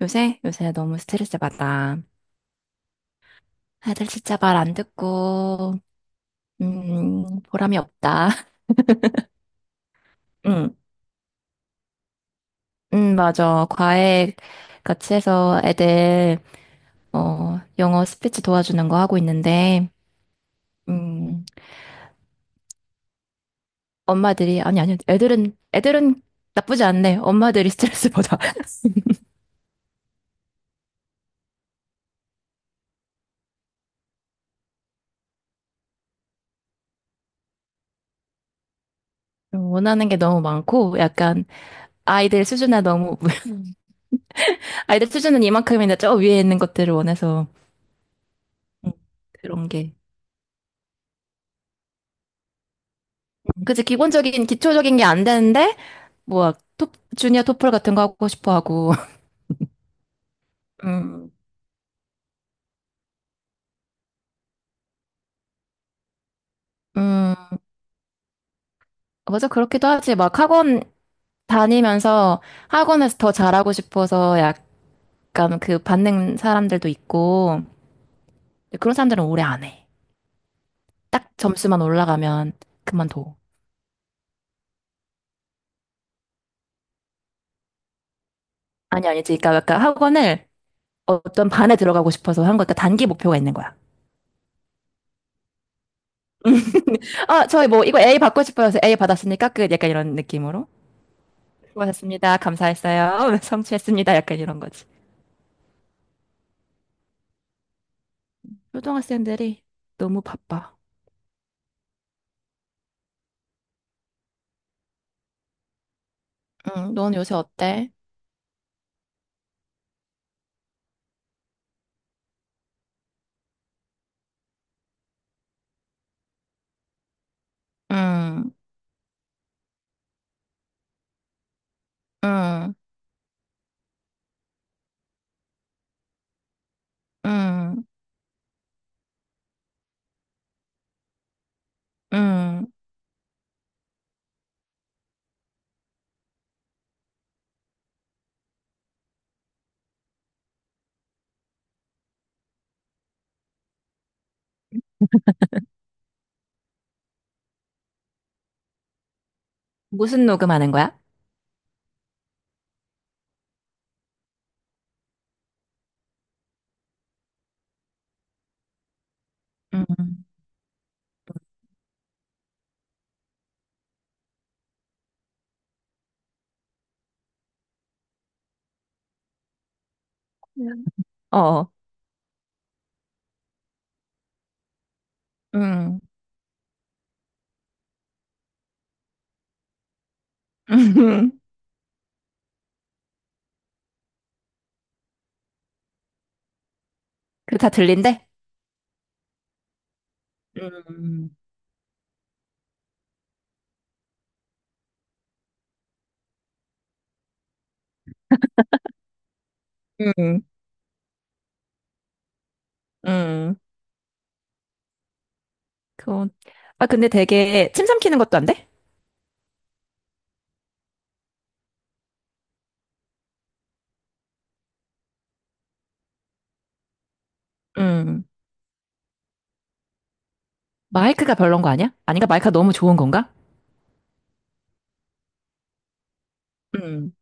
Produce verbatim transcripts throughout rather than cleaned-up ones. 요새? 요새 너무 스트레스 받아. 애들 진짜 말 안 듣고, 음, 보람이 없다. 응, 응, 맞아. 과외 같이 해서 애들, 어, 영어 스피치 도와주는 거 하고 있는데, 음, 엄마들이, 아니, 아니, 애들은, 애들은 나쁘지 않네. 엄마들이 스트레스 받아. 원하는 게 너무 많고, 약간, 아이들 수준에 너무, 아이들 수준은 이만큼인데 저 위에 있는 것들을 원해서, 음, 그런 게. 그치, 기본적인, 기초적인 게 안 되는데, 뭐, 토, 주니어 토플 같은 거 하고 싶어 하고. 음, 음, 맞아. 그렇기도 하지. 막 학원 다니면서 학원에서 더 잘하고 싶어서 약간 그 받는 사람들도 있고. 근데 그런 사람들은 오래 안 해. 딱 점수만 올라가면 그만둬. 아니, 아니지. 그러니까 약간 학원을 어떤 반에 들어가고 싶어서 한 거, 그러니까 단기 목표가 있는 거야. 아, 저희 뭐, 이거 A 받고 싶어서 A 받았으니까 끝. 약간 이런 느낌으로. 수고하셨습니다. 감사했어요. 성취했습니다. 약간 이런 거지. 초등학생들이 너무 바빠. 응, 넌 요새 어때? 응, 응, 응, 응. 무슨 녹음하는 거야? 응, 응 어, 응. 그거 다 들린대? 응, 응, 응. 그건, 아, 근데 되게 침 삼키는 것도 안 돼? 응. 마이크가 별론 거 아니야? 아닌가? 마이크가 너무 좋은 건가? 응,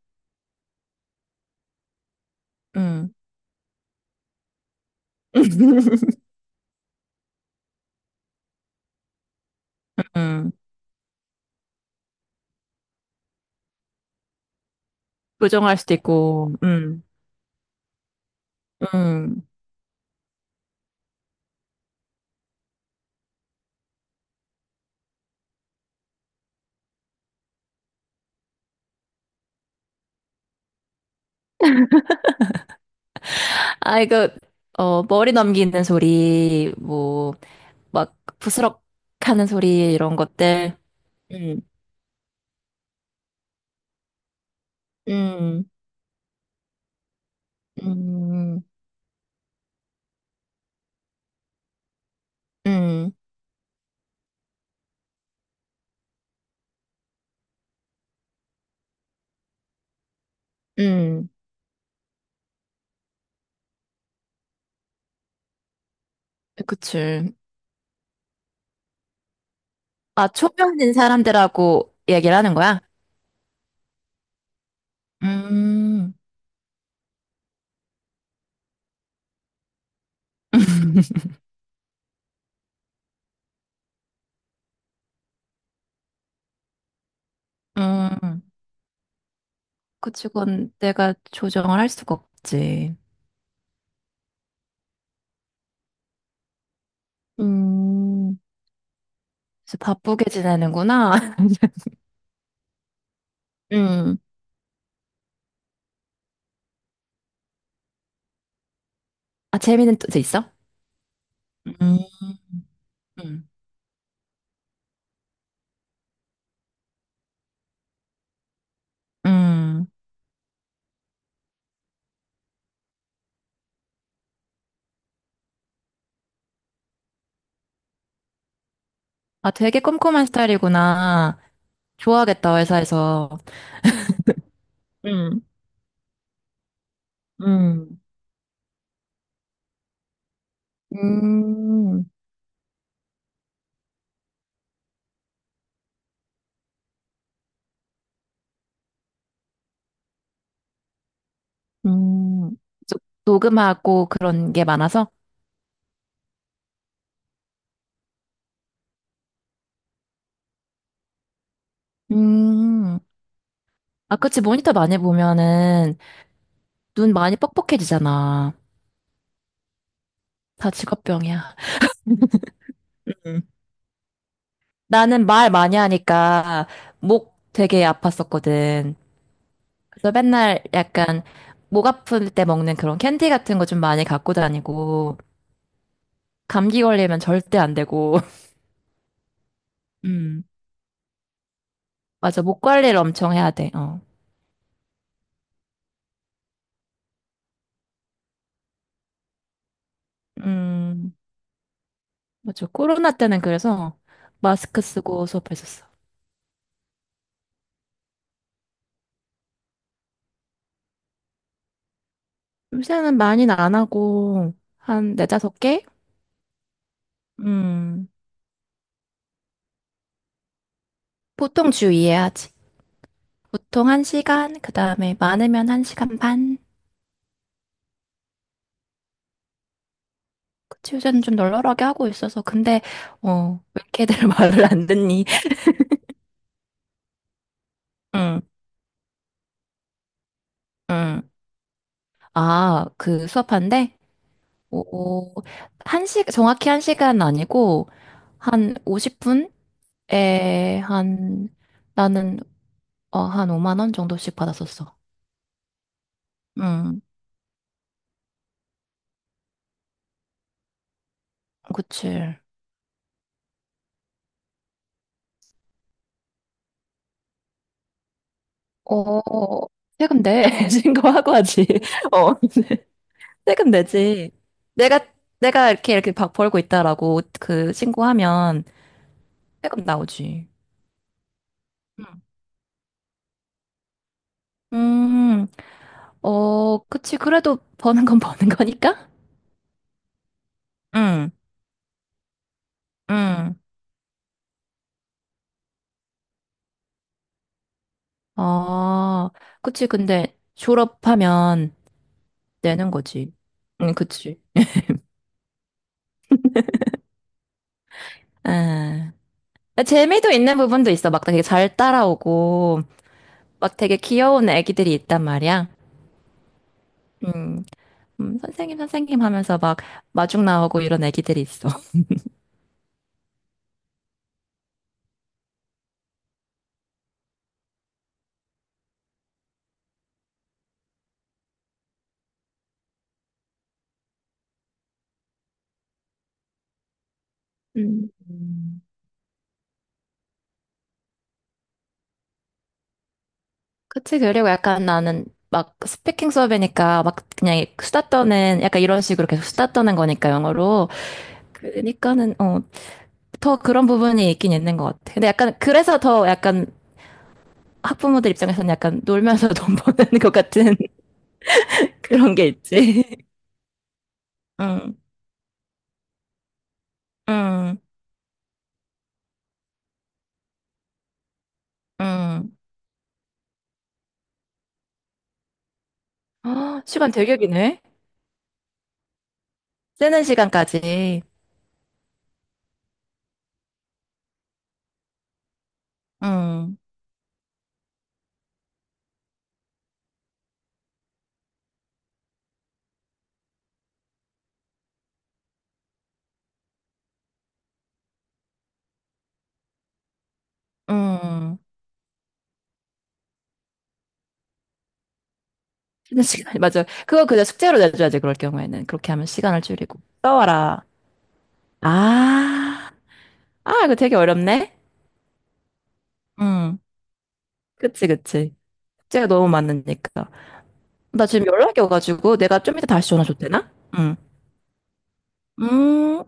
응, 응. 부정할 수도 있고, 응, 응. 아, 이거, 어, 머리 넘기는 소리, 뭐, 막, 부스럭 하는 소리, 이런 것들. 음, 음, 음, 음, 음. 그치. 아, 초면인 사람들하고 얘기를 하는 거야? 음, 음. 그치, 그건 내가 조정을 할 수가 없지. 음, 그래서 바쁘게 지내는구나. 음. 아, 재미는 또 있어? 음, 음. 음. 아, 되게 꼼꼼한 스타일이구나. 좋아하겠다, 회사에서. 응, 응. 음, 음, 저- 녹음하고 그런 게 많아서? 음, 아, 그치. 모니터 많이 보면은 눈 많이 뻑뻑해지잖아. 다 직업병이야. 음. 나는 말 많이 하니까 목 되게 아팠었거든. 그래서 맨날 약간 목 아플 때 먹는 그런 캔디 같은 거 좀 많이 갖고 다니고, 감기 걸리면 절대 안 되고. 음. 맞아. 목 관리를 엄청 해야 돼. 어. 음, 맞아. 코로나 때는 그래서 마스크 쓰고 수업했었어. 요새는 많이는 안 하고, 한 네다섯 개? 음, 보통 주의회 하지. 보통 한시간그 다음에 많으면 한시간 반. 그치, 요새는 좀 널널하게 하고 있어서. 근데, 어, 왜 이렇게 애들 말을 안 듣니? 응, 응. 아, 그 수업한데? 오, 한 시, 정확히 한시간 아니고, 한 오십 분? 에, 한, 나는, 어, 한 오만 원 정도씩 받았었어. 음, 그치. 어, 세금 내. 신고하고 하지. 어, 세금 내지. 내가, 내가 이렇게, 이렇게 박 벌고 있다라고 그 신고하면 세금 나오지. 음, 음, 어, 그치. 그래도 버는 건 버는 거니까? 응, 응. 아, 그치. 근데 졸업하면 내는 거지. 응, 그치. 에. 재미도 있는 부분도 있어. 막 되게 잘 따라오고, 막 되게 귀여운 애기들이 있단 말이야. 음, 음, 선생님, 선생님 하면서 막 마중 나오고 이런 애기들이 있어. 음. 그치, 그리고 약간 나는 막 스피킹 수업이니까 막 그냥 수다 떠는, 약간 이런 식으로 계속 수다 떠는 거니까, 영어로. 그러니까는, 어, 더 그런 부분이 있긴 있는 것 같아. 근데 약간, 그래서 더 약간 학부모들 입장에서는 약간 놀면서 돈 버는 것 같은 그런 게 있지. 응, 응, 응. 아, 시간 되게 기네. 쓰는 시간까지. 음, 음. 쓰는 시간, 맞아. 그거 그냥 숙제로 내줘야지, 그럴 경우에는. 그렇게 하면 시간을 줄이고. 써와라. 아, 아, 이거 되게 어렵네? 음, 그치, 그치. 숙제가 너무 많으니까. 나 지금 연락이 와가지고 내가 좀 이따 다시 전화 줘도 되나? 음. 음.